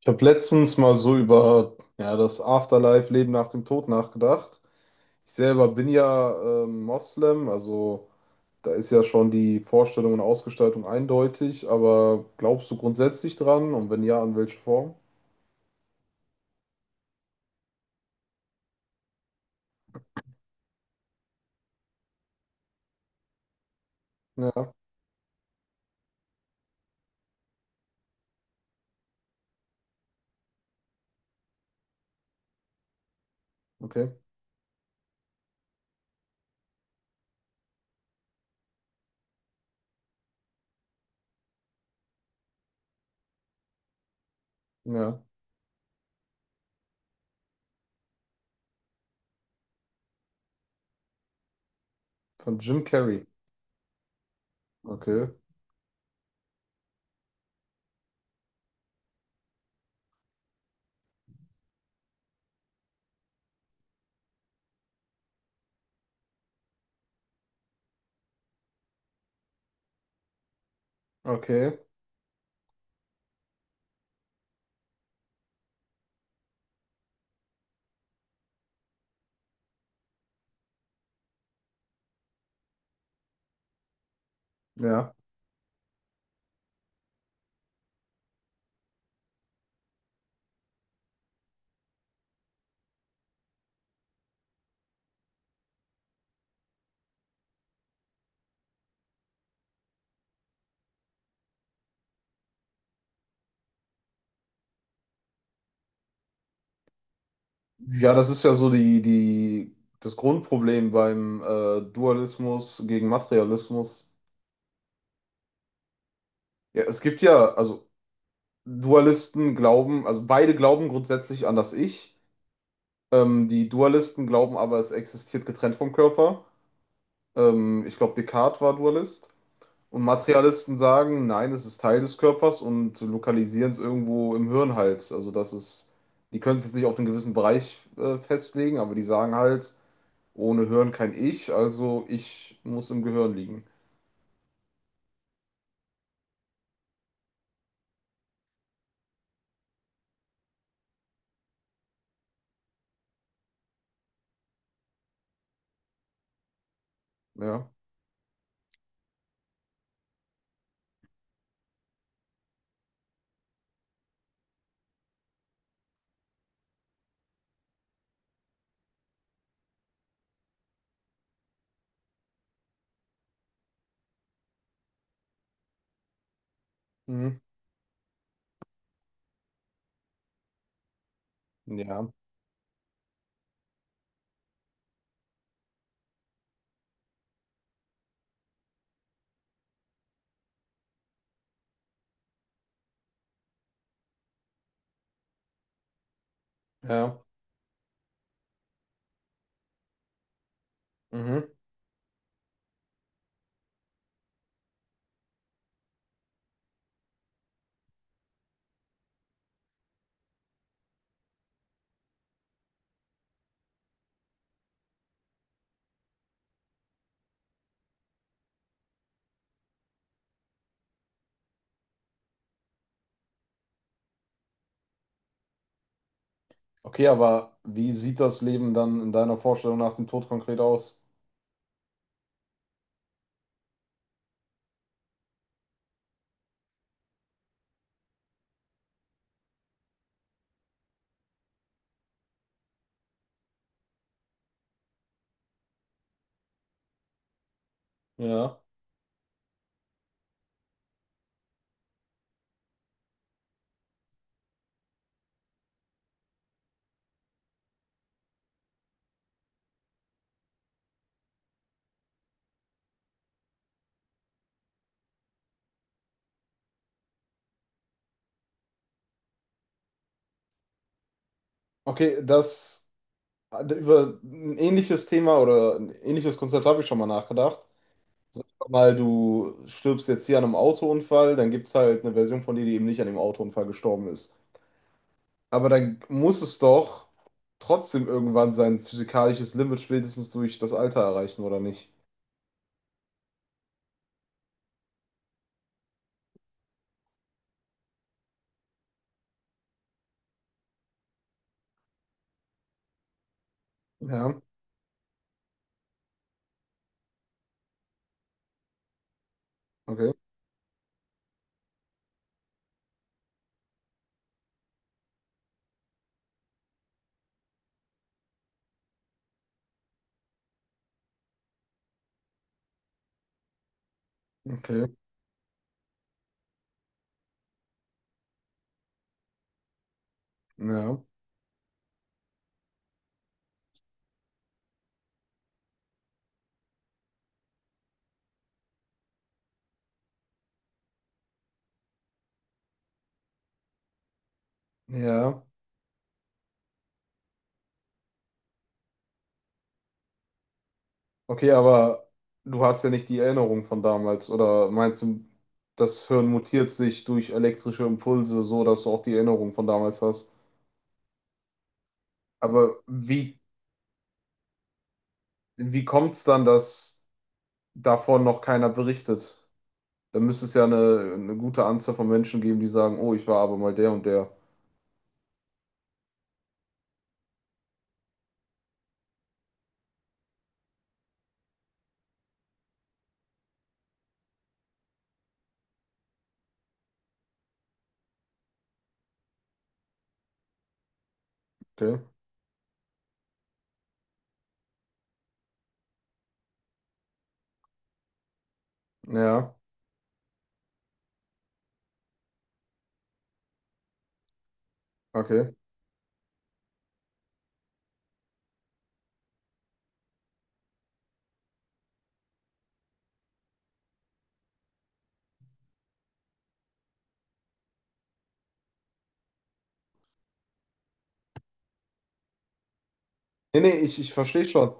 Ich habe letztens mal so über ja, das Afterlife, Leben nach dem Tod nachgedacht. Ich selber bin ja Moslem, also da ist ja schon die Vorstellung und Ausgestaltung eindeutig, aber glaubst du grundsätzlich dran? Und wenn ja, an welche Form? Ja, okay. Ja, von Jim Carrey. Okay, okay, ja. Ja, das ist ja so das Grundproblem beim Dualismus gegen Materialismus. Ja, es gibt ja, also Dualisten glauben, also beide glauben grundsätzlich an das Ich. Die Dualisten glauben aber, es existiert getrennt vom Körper. Ich glaube, Descartes war Dualist. Und Materialisten sagen, nein, es ist Teil des Körpers und lokalisieren es irgendwo im Hirn halt. Also das ist, die können es jetzt nicht auf einen gewissen Bereich festlegen, aber die sagen halt, ohne Hirn kein Ich, also ich muss im Gehirn liegen. Ja. Mhm. Ja. Ja. Mhm. Okay, aber wie sieht das Leben dann in deiner Vorstellung nach dem Tod konkret aus? Ja. Okay, das über ein ähnliches Thema oder ein ähnliches Konzept habe ich schon mal nachgedacht. Sag mal, du stirbst jetzt hier an einem Autounfall, dann gibt es halt eine Version von dir, die eben nicht an dem Autounfall gestorben ist. Aber dann muss es doch trotzdem irgendwann sein physikalisches Limit spätestens durch das Alter erreichen, oder nicht? Ja, okay, okay, ja, ja. Okay, aber du hast ja nicht die Erinnerung von damals, oder meinst du, das Hirn mutiert sich durch elektrische Impulse so, dass du auch die Erinnerung von damals hast? Aber wie, wie kommt es dann, dass davon noch keiner berichtet? Da müsste es ja eine gute Anzahl von Menschen geben, die sagen, oh, ich war aber mal der und der. Okay. Ja, okay. Nee, nee, ich verstehe schon.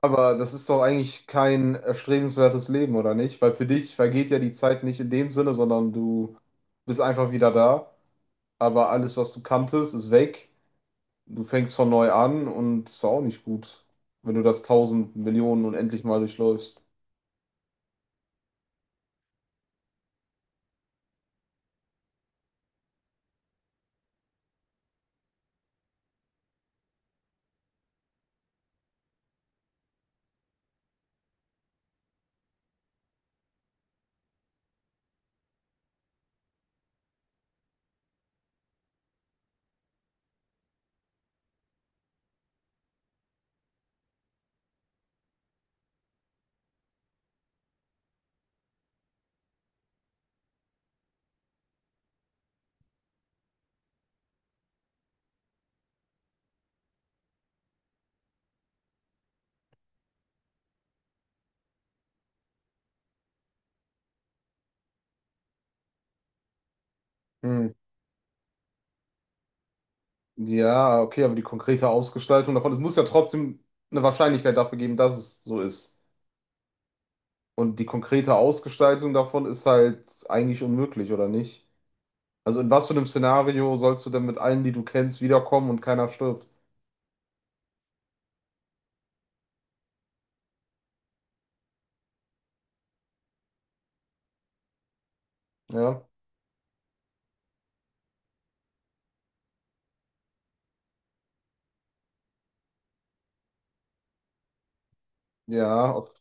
Aber das ist doch eigentlich kein erstrebenswertes Leben, oder nicht? Weil für dich vergeht ja die Zeit nicht in dem Sinne, sondern du bist einfach wieder da. Aber alles, was du kanntest, ist weg. Du fängst von neu an und ist auch nicht gut, wenn du das tausend Millionen unendlich mal durchläufst. Hm. Ja, okay, aber die konkrete Ausgestaltung davon, es muss ja trotzdem eine Wahrscheinlichkeit dafür geben, dass es so ist. Und die konkrete Ausgestaltung davon ist halt eigentlich unmöglich, oder nicht? Also in was für einem Szenario sollst du denn mit allen, die du kennst, wiederkommen und keiner stirbt? Ja, ja, ok-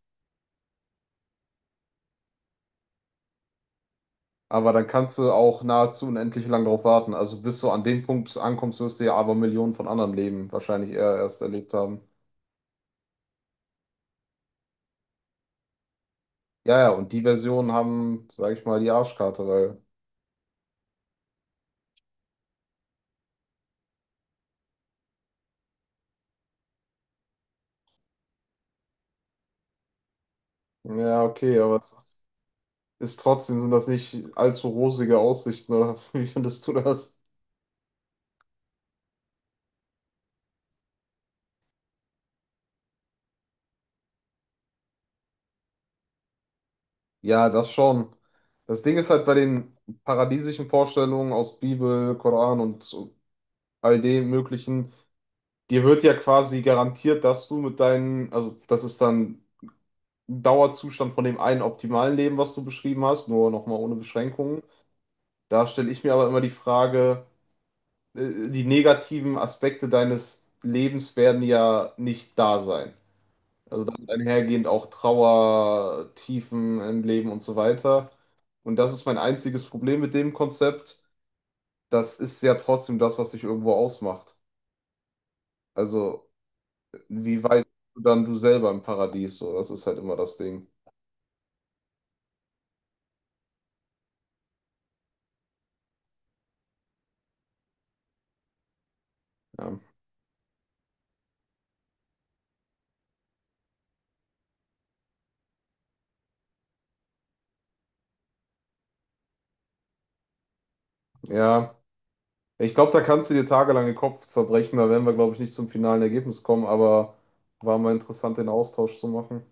aber dann kannst du auch nahezu unendlich lang drauf warten. Also bis du an dem Punkt ankommst, wirst du ja aber Millionen von anderen Leben wahrscheinlich eher erst erlebt haben. Ja, ja, und die Versionen haben, sag ich mal, die Arschkarte, weil. Ja, okay, aber es ist trotzdem, sind das nicht allzu rosige Aussichten, oder wie findest du das? Ja, das schon. Das Ding ist halt bei den paradiesischen Vorstellungen aus Bibel, Koran und so all dem möglichen, dir wird ja quasi garantiert, dass du mit deinen, also das ist dann ein Dauerzustand von dem einen optimalen Leben, was du beschrieben hast, nur nochmal ohne Beschränkungen. Da stelle ich mir aber immer die Frage, die negativen Aspekte deines Lebens werden ja nicht da sein. Also damit einhergehend auch Trauer, Tiefen im Leben und so weiter. Und das ist mein einziges Problem mit dem Konzept. Das ist ja trotzdem das, was sich irgendwo ausmacht. Also wie weit bist du dann du selber im Paradies? So, das ist halt immer das Ding. Ja, ja. Ich glaube, da kannst du dir tagelang den Kopf zerbrechen. Da werden wir, glaube ich, nicht zum finalen Ergebnis kommen, aber war mal interessant, den Austausch zu machen.